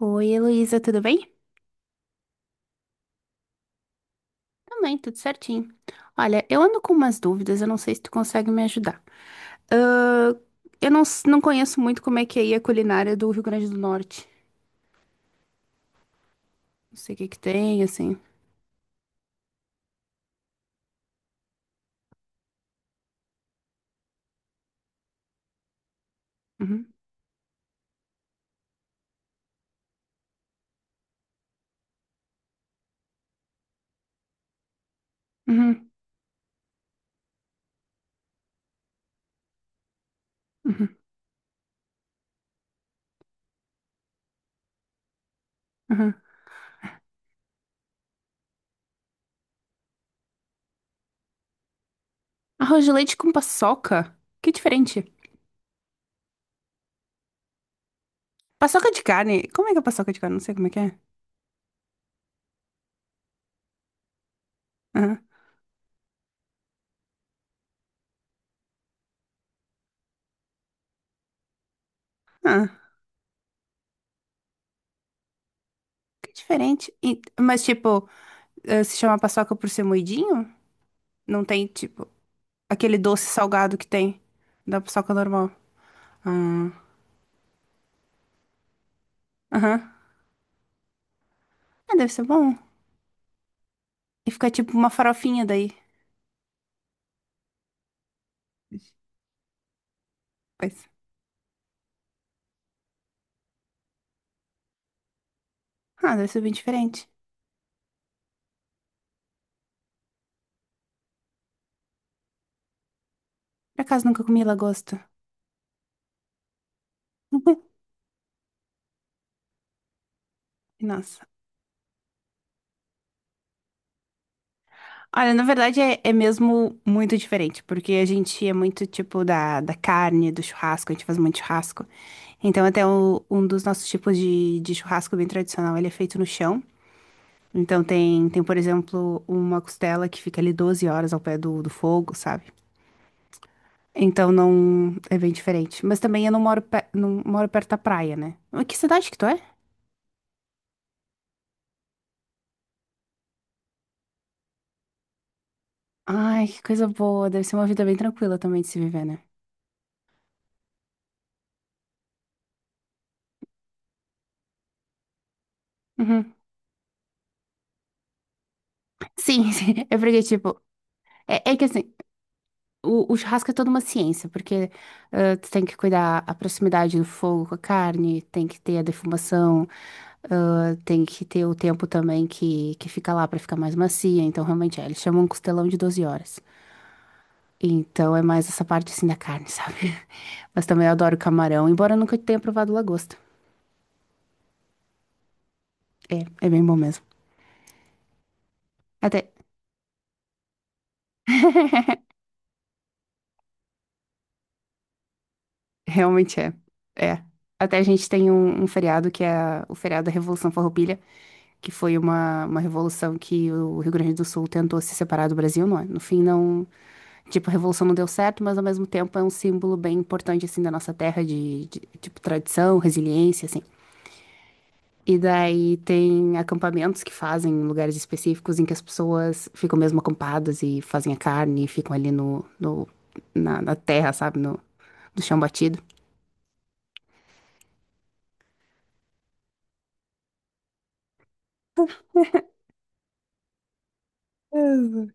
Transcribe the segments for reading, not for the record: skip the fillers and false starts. Oi, Heloísa, tudo bem? Também, tudo certinho. Olha, eu ando com umas dúvidas, eu não sei se tu consegue me ajudar. Ah, eu não, não conheço muito como é que é aí a culinária do Rio Grande do Norte. Não sei o que que tem, assim. Uhum, uhum, uhum, uhum. Arroz de leite com paçoca? Que diferente. Paçoca de carne? Como é que é paçoca de carne? Não sei como é que é. Aham, ah, que diferente. Mas, tipo, ah, se chama paçoca por ser moidinho? Não tem, tipo, aquele doce salgado que tem da paçoca normal. Ah, aham. Ah, deve ser bom. E fica tipo uma farofinha daí. Pois. Ah, deve ser bem diferente. Por acaso nunca comi lagosta. Nossa. Olha, na verdade é mesmo muito diferente, porque a gente é muito tipo da carne, do churrasco, a gente faz muito churrasco. Então, até o- um dos nossos tipos de churrasco bem tradicional, ele é feito no chão. Então, tem, por exemplo, uma costela que fica ali 12 horas ao pé do fogo, sabe? Então não é bem diferente. Mas também eu não moro, não moro perto da praia, né? Mas, que cidade que tu é? Ai, que coisa boa. Deve ser uma vida bem tranquila também de se viver, né? Uhum. Sim, sim. É porque, tipo, é que assim, o churrasco é toda uma ciência, porque tu tem que cuidar a proximidade do fogo com a carne, tem que ter a defumação, tem que ter o tempo também que fica lá pra ficar mais macia. Então, realmente, é, eles chamam um costelão de 12 horas. Então, é mais essa parte assim da carne, sabe? Mas também eu adoro camarão, embora eu nunca tenha provado lagosta. É bem bom mesmo. Até. Realmente é. É. Até a gente tem um feriado que é o feriado da Revolução Farroupilha, que foi uma revolução que o Rio Grande do Sul tentou se separar do Brasil, não é? No fim, não. Tipo, a revolução não deu certo, mas ao mesmo tempo é um símbolo bem importante, assim, da nossa terra, de tipo, tradição, resiliência, assim. E daí tem acampamentos que fazem em lugares específicos em que as pessoas ficam mesmo acampadas e fazem a carne e ficam ali na terra, sabe? No, no chão batido. Mesmo.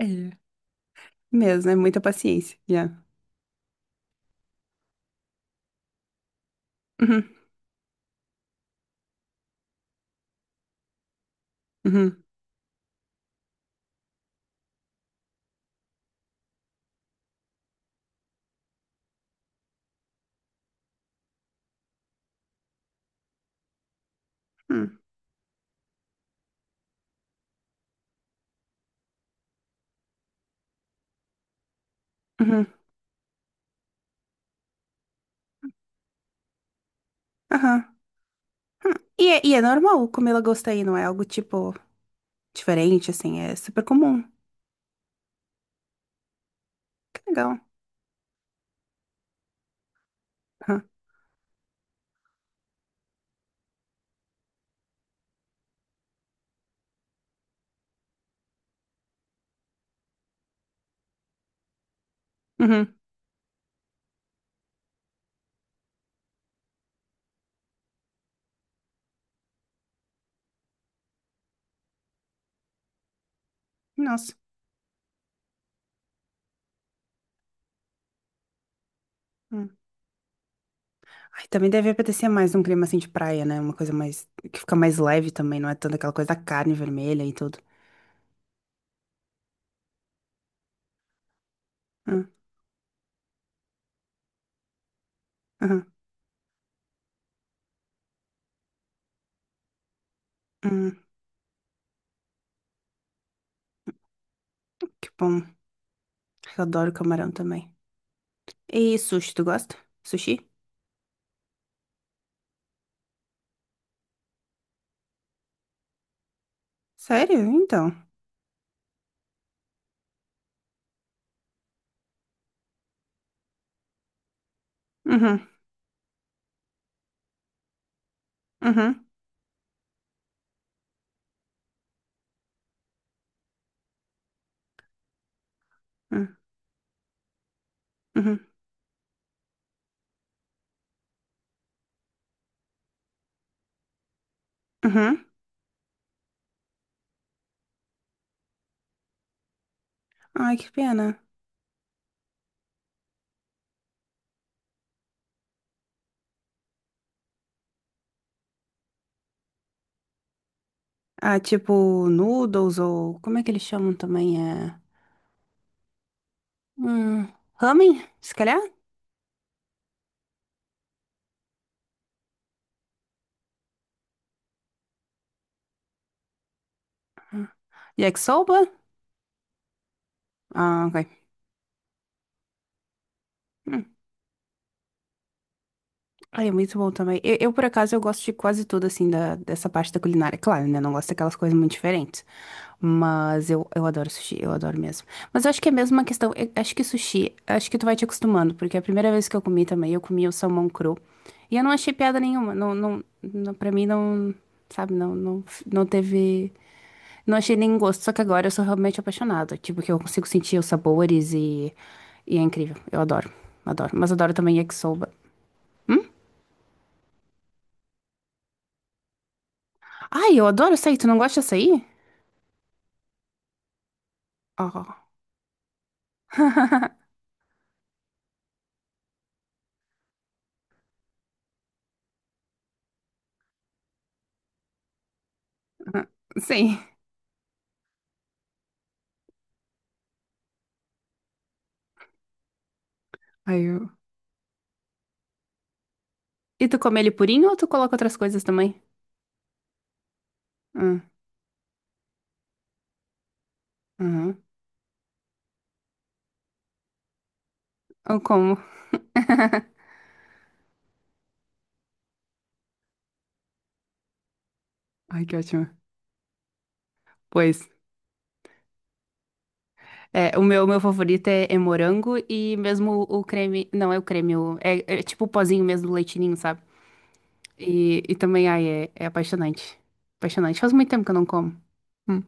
É, mesmo, é muita paciência. Yeah. Uhum, uhum, uhum, uhum, aham, hum. E é normal comer lagosta aí, não é algo tipo diferente, assim, é super comum. Que legal. Aham, uhum, nossa. Hum. Ai, também deve apetecer mais um clima assim de praia, né? Uma coisa mais, que fica mais leve também, não é tanto aquela coisa da carne vermelha e tudo. Hum, aham, hum, que bom. Eu adoro camarão também. E sushi, tu gosta? Sushi? Sério? Então. Uhum, uhum, uhum, uhum. Uhum. Ai, que pena. Ah, tipo noodles ou. Como é que eles chamam também? É. Hum, ramen, se calhar? Yakisoba? Ah, ok. Hum. Ai, é muito bom também. Eu, por acaso, eu gosto de quase tudo, assim, dessa parte da culinária. Claro, né? Não gosto daquelas coisas muito diferentes. Mas eu adoro sushi, eu adoro mesmo. Mas eu acho que é mesmo uma questão. Eu acho que sushi, acho que tu vai te acostumando, porque a primeira vez que eu comi também, eu comi o salmão cru. E eu não achei piada nenhuma. Não, não, não, pra mim, não. Sabe, não, não, não teve. Não achei nenhum gosto. Só que agora eu sou realmente apaixonada. Tipo, que eu consigo sentir os sabores e. E é incrível. Eu adoro, adoro. Mas adoro também yakisoba. Hum? Ai, eu adoro açaí. Tu não gosta de açaí? Ó. Sim. Aí eu. E tu come ele purinho ou tu coloca outras coisas também? Hum, uhum. Eu como. Ai, que ótimo. Pois. É, o meu favorito é morango e mesmo o creme. Não é o creme, é tipo o pozinho mesmo do leitinho, sabe? E também, ai, é apaixonante. Apaixonante. Faz muito tempo que eu não como. Hum.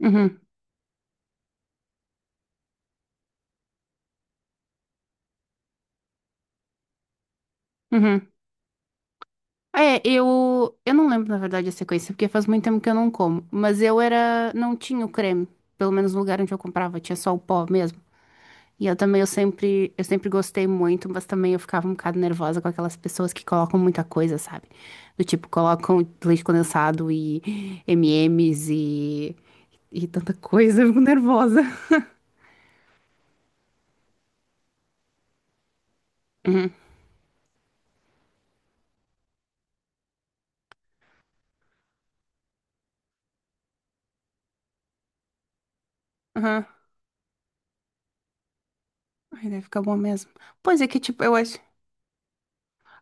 Uhum, uhum. É, eu não lembro, na verdade, a sequência, porque faz muito tempo que eu não como. Mas eu era, não tinha o creme, pelo menos no lugar onde eu comprava, tinha só o pó mesmo. E eu também, eu sempre gostei muito, mas também eu ficava um bocado nervosa com aquelas pessoas que colocam muita coisa, sabe? Do tipo, colocam leite condensado e M&M's e, M's e e tanta coisa, eu fico nervosa. Uhum. Aham. Ai, deve ficar bom mesmo. Pois é que, tipo, eu acho.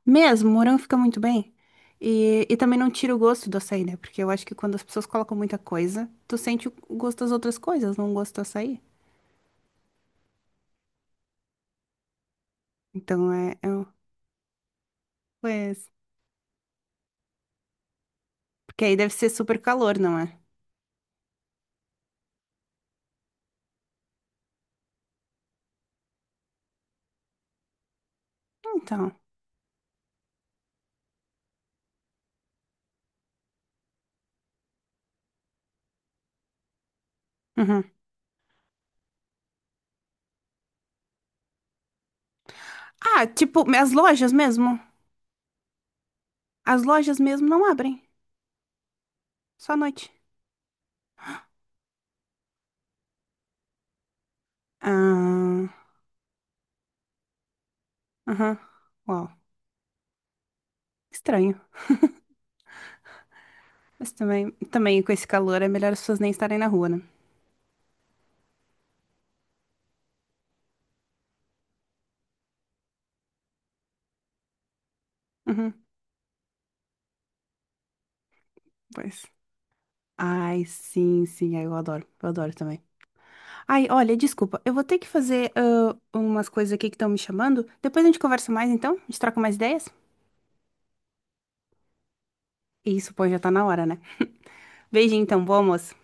Mesmo, morango fica muito bem. E também não tira o gosto do açaí, né? Porque eu acho que quando as pessoas colocam muita coisa, tu sente o gosto das outras coisas, não o gosto do açaí. Então é, pois, porque aí deve ser super calor, não é? Então. Uhum. Ah, tipo, as lojas mesmo. As lojas mesmo não abrem. Só à noite. Ah, aham. Uau. Estranho. Mas também, também com esse calor é melhor as pessoas nem estarem na rua, né? Uhum, pois. Ai, sim, sim. Ai, eu adoro. Eu adoro também. Ai, olha, desculpa, eu vou ter que fazer umas coisas aqui que estão me chamando. Depois a gente conversa mais, então? A gente troca mais ideias? Isso, pô, já tá na hora, né? Beijinho, então, bom almoço.